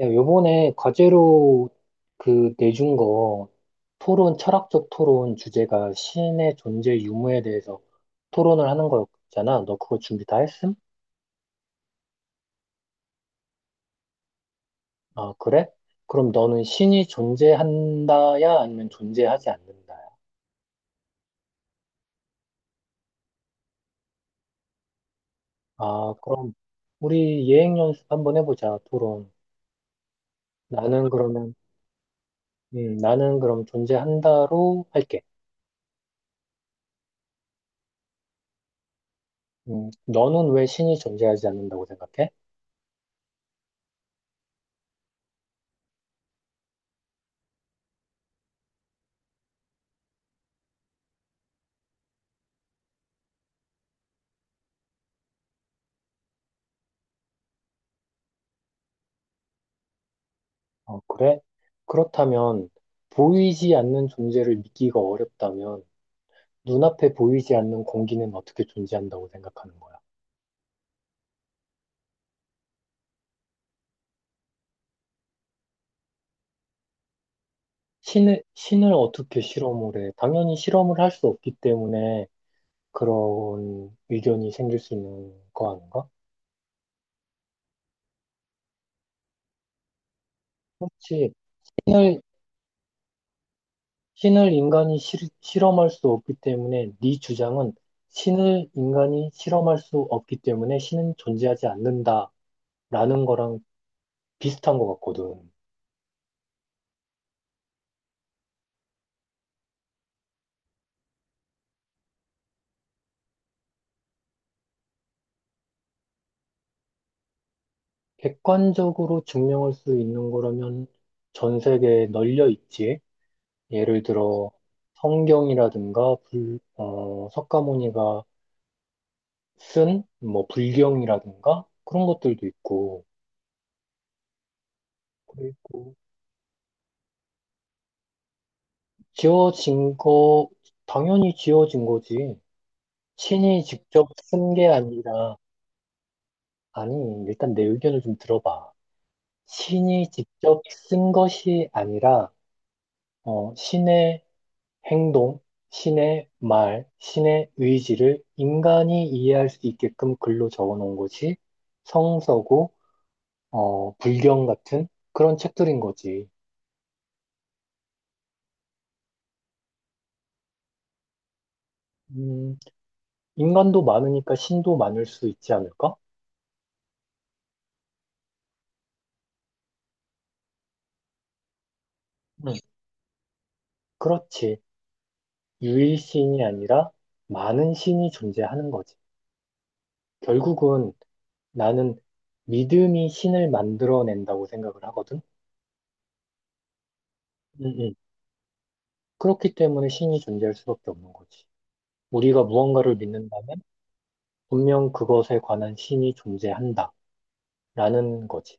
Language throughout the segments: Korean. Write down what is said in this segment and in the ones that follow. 야, 요번에 과제로 그 내준 거 토론, 철학적 토론 주제가 신의 존재 유무에 대해서 토론을 하는 거였잖아. 너 그거 준비 다 했음? 아, 그래? 그럼 너는 신이 존재한다야? 아니면 존재하지 않는다야? 아, 그럼 우리 예행 연습 한번 해보자, 토론. 나는 그러면, 나는 그럼 존재한다로 할게. 너는 왜 신이 존재하지 않는다고 생각해? 어, 그래? 그렇다면 보이지 않는 존재를 믿기가 어렵다면 눈앞에 보이지 않는 공기는 어떻게 존재한다고 생각하는 거야? 신을 어떻게 실험을 해? 당연히 실험을 할 수 없기 때문에 그런 의견이 생길 수 있는 거 아닌가? 그렇지. 신을, 신을 인간이 실험할 수 없기 때문에 네 주장은 신을 인간이 실험할 수 없기 때문에 신은 존재하지 않는다라는 거랑 비슷한 것 같거든. 객관적으로 증명할 수 있는 거라면 전 세계에 널려 있지. 예를 들어 성경이라든가 석가모니가 쓴 뭐 불경이라든가 그런 것들도 있고, 그리고 지어진 거, 당연히 지어진 거지. 신이 직접 쓴 게 아니라. 아니, 일단 내 의견을 좀 들어봐. 신이 직접 쓴 것이 아니라 신의 행동, 신의 말, 신의 의지를 인간이 이해할 수 있게끔 글로 적어 놓은 것이 성서고, 불경 같은 그런 책들인 거지. 음, 인간도 많으니까 신도 많을 수 있지 않을까? 응, 그렇지. 유일신이 아니라 많은 신이 존재하는 거지. 결국은 나는 믿음이 신을 만들어낸다고 생각을 하거든. 응, 응. 그렇기 때문에 신이 존재할 수밖에 없는 거지. 우리가 무언가를 믿는다면 분명 그것에 관한 신이 존재한다. 라는 거지.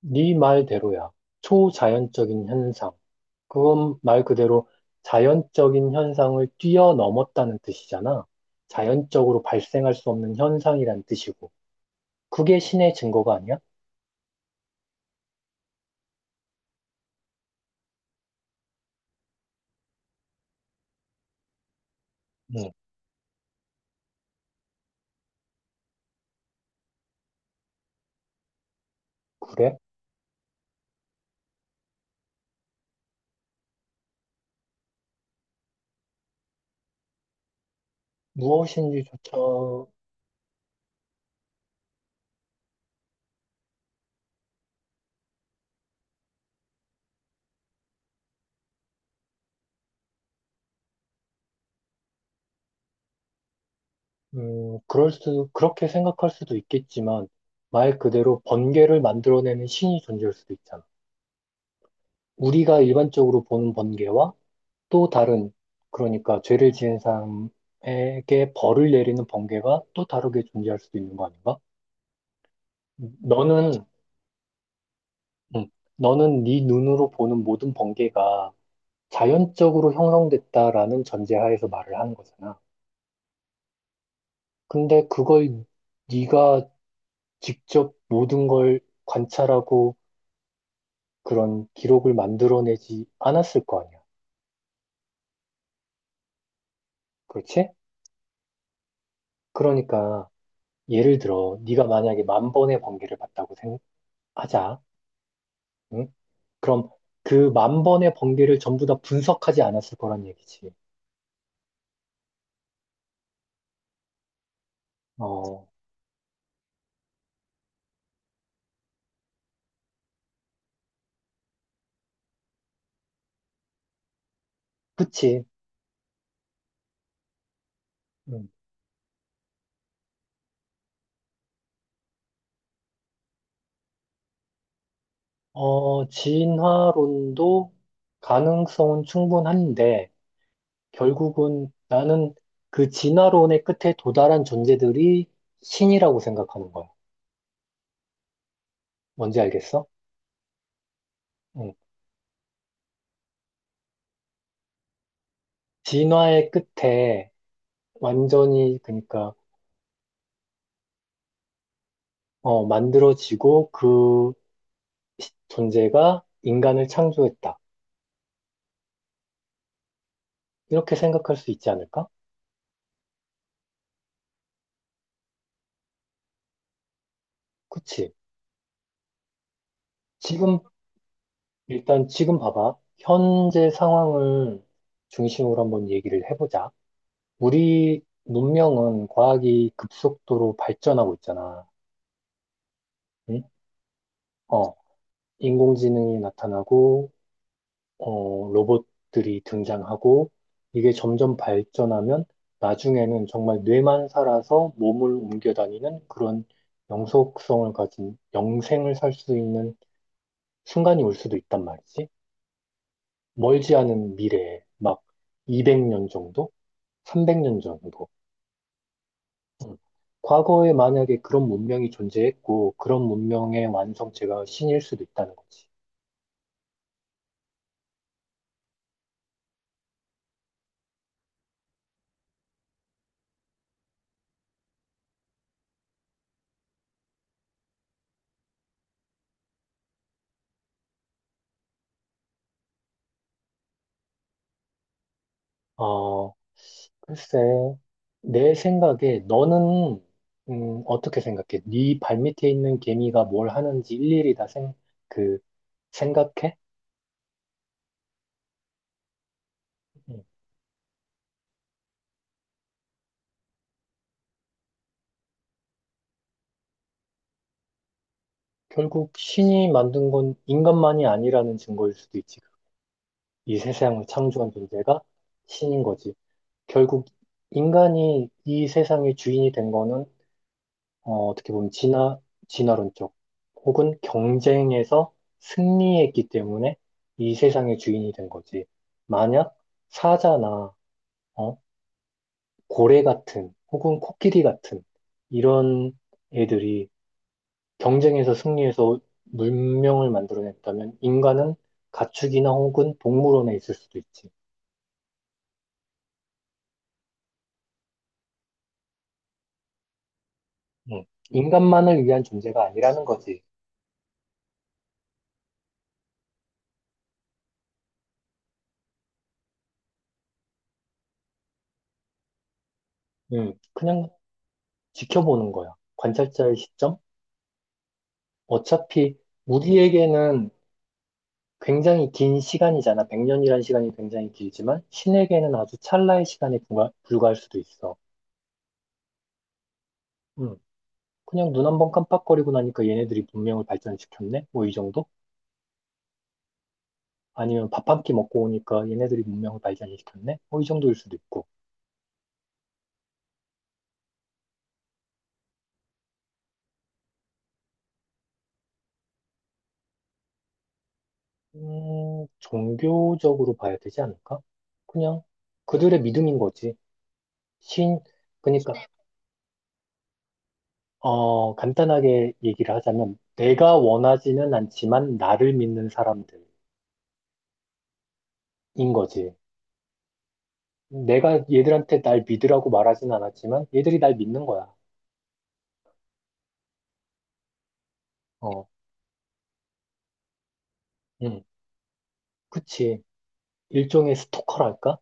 네 말대로야. 초자연적인 현상. 그건 말 그대로 자연적인 현상을 뛰어넘었다는 뜻이잖아. 자연적으로 발생할 수 없는 현상이란 뜻이고. 그게 신의 증거가 아니야? 응, 그래? 무엇인지조차, 그럴 수, 그렇게 생각할 수도 있겠지만, 말 그대로 번개를 만들어내는 신이 존재할 수도 있잖아. 우리가 일반적으로 보는 번개와 또 다른, 그러니까 죄를 지은 사람에게 벌을 내리는 번개가 또 다르게 존재할 수도 있는 거 아닌가? 너는, 음, 너는 네 눈으로 보는 모든 번개가 자연적으로 형성됐다라는 전제하에서 말을 하는 거잖아. 근데 그걸 네가 직접 모든 걸 관찰하고 그런 기록을 만들어내지 않았을 거 아니야. 그렇지? 그러니까 예를 들어 네가 만약에 만 번의 번개를 봤다고 생각하자. 응? 그럼 그 만 번의 번개를 전부 다 분석하지 않았을 거란 얘기지. 어, 그치. 음. 어, 진화론도 가능성은 충분한데, 결국은 나는 그 진화론의 끝에 도달한 존재들이 신이라고 생각하는 거야. 뭔지 알겠어? 응. 진화의 끝에 완전히, 그러니까, 어, 만들어지고 그 존재가 인간을 창조했다. 이렇게 생각할 수 있지 않을까? 그치? 지금 일단 지금 봐봐. 현재 상황을 중심으로 한번 얘기를 해보자. 우리 문명은 과학이 급속도로 발전하고 있잖아. 응? 어, 인공지능이 나타나고, 어, 로봇들이 등장하고, 이게 점점 발전하면 나중에는 정말 뇌만 살아서 몸을 옮겨 다니는 그런 영속성을 가진 영생을 살 수 있는 순간이 올 수도 있단 말이지. 멀지 않은 미래에 막 200년 정도? 300년 정도. 음. 과거에 만약에 그런 문명이 존재했고, 그런 문명의 완성체가 신일 수도 있다는 거지. 어, 글쎄, 내 생각에 너는, 어떻게 생각해? 네 발밑에 있는 개미가 뭘 하는지 일일이 다 그, 생각해? 음. 결국 신이 만든 건 인간만이 아니라는 증거일 수도 있지. 이 세상을 창조한 존재가 신인 거지. 결국 인간이 이 세상의 주인이 된 거는 어, 어떻게 보면 진화론적 혹은 경쟁에서 승리했기 때문에 이 세상의 주인이 된 거지. 만약 사자나 어, 고래 같은 혹은 코끼리 같은 이런 애들이 경쟁에서 승리해서 문명을 만들어냈다면 인간은 가축이나 혹은 동물원에 있을 수도 있지. 응. 인간만을 위한 존재가 아니라는 거지. 응. 그냥 지켜보는 거야. 관찰자의 시점? 어차피 우리에게는 굉장히 긴 시간이잖아. 100년이라는 시간이 굉장히 길지만 신에게는 아주 찰나의 시간에 불과, 불과할 수도 있어. 음. 그냥 눈 한번 깜빡거리고 나니까 얘네들이 문명을 발전시켰네? 뭐 이 정도? 아니면 밥 한 끼 먹고 오니까 얘네들이 문명을 발전시켰네? 뭐 이 정도일 수도 있고. 종교적으로 봐야 되지 않을까? 그냥 그들의 믿음인 거지. 신, 그러니까 어, 간단하게 얘기를 하자면 내가 원하지는 않지만 나를 믿는 사람들인 거지. 내가 얘들한테 날 믿으라고 말하진 않았지만 얘들이 날 믿는 거야. 어, 응, 그치. 일종의 스토커랄까?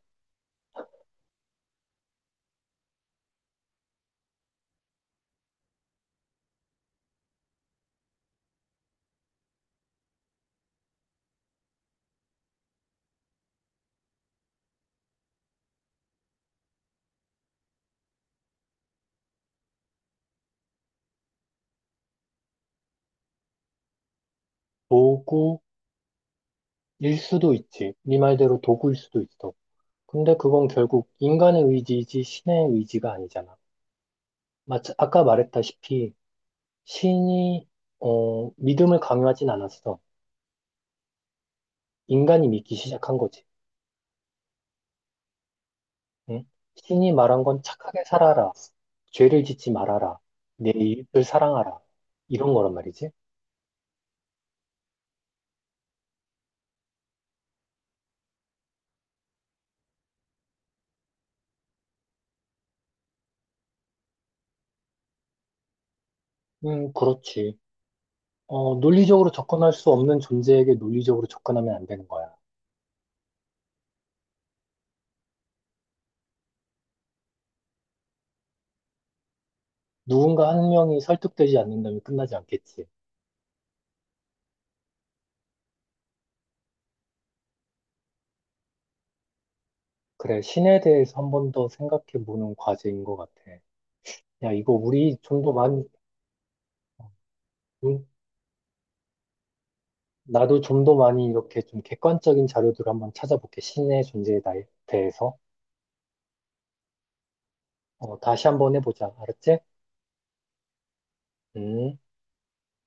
도구일 수도 있지. 네 말대로 도구일 수도 있어. 근데 그건 결국 인간의 의지이지 신의 의지가 아니잖아. 마치 아까 말했다시피 신이 어, 믿음을 강요하진 않았어. 인간이 믿기 시작한 거지. 응? 신이 말한 건 착하게 살아라. 죄를 짓지 말아라. 내 이웃을 사랑하라. 이런 거란 말이지. 그렇지. 어, 논리적으로 접근할 수 없는 존재에게 논리적으로 접근하면 안 되는 거야. 누군가 한 명이 설득되지 않는다면 끝나지 않겠지. 그래, 신에 대해서 한 번 더 생각해 보는 과제인 것 같아. 야, 이거 우리 좀 더 많이, 어, 응? 나도 좀 더 많이 이렇게 좀 객관적인 자료들을 한번 찾아볼게. 신의 존재에 대해서. 어, 다시 한 번 해보자. 알았지? 음.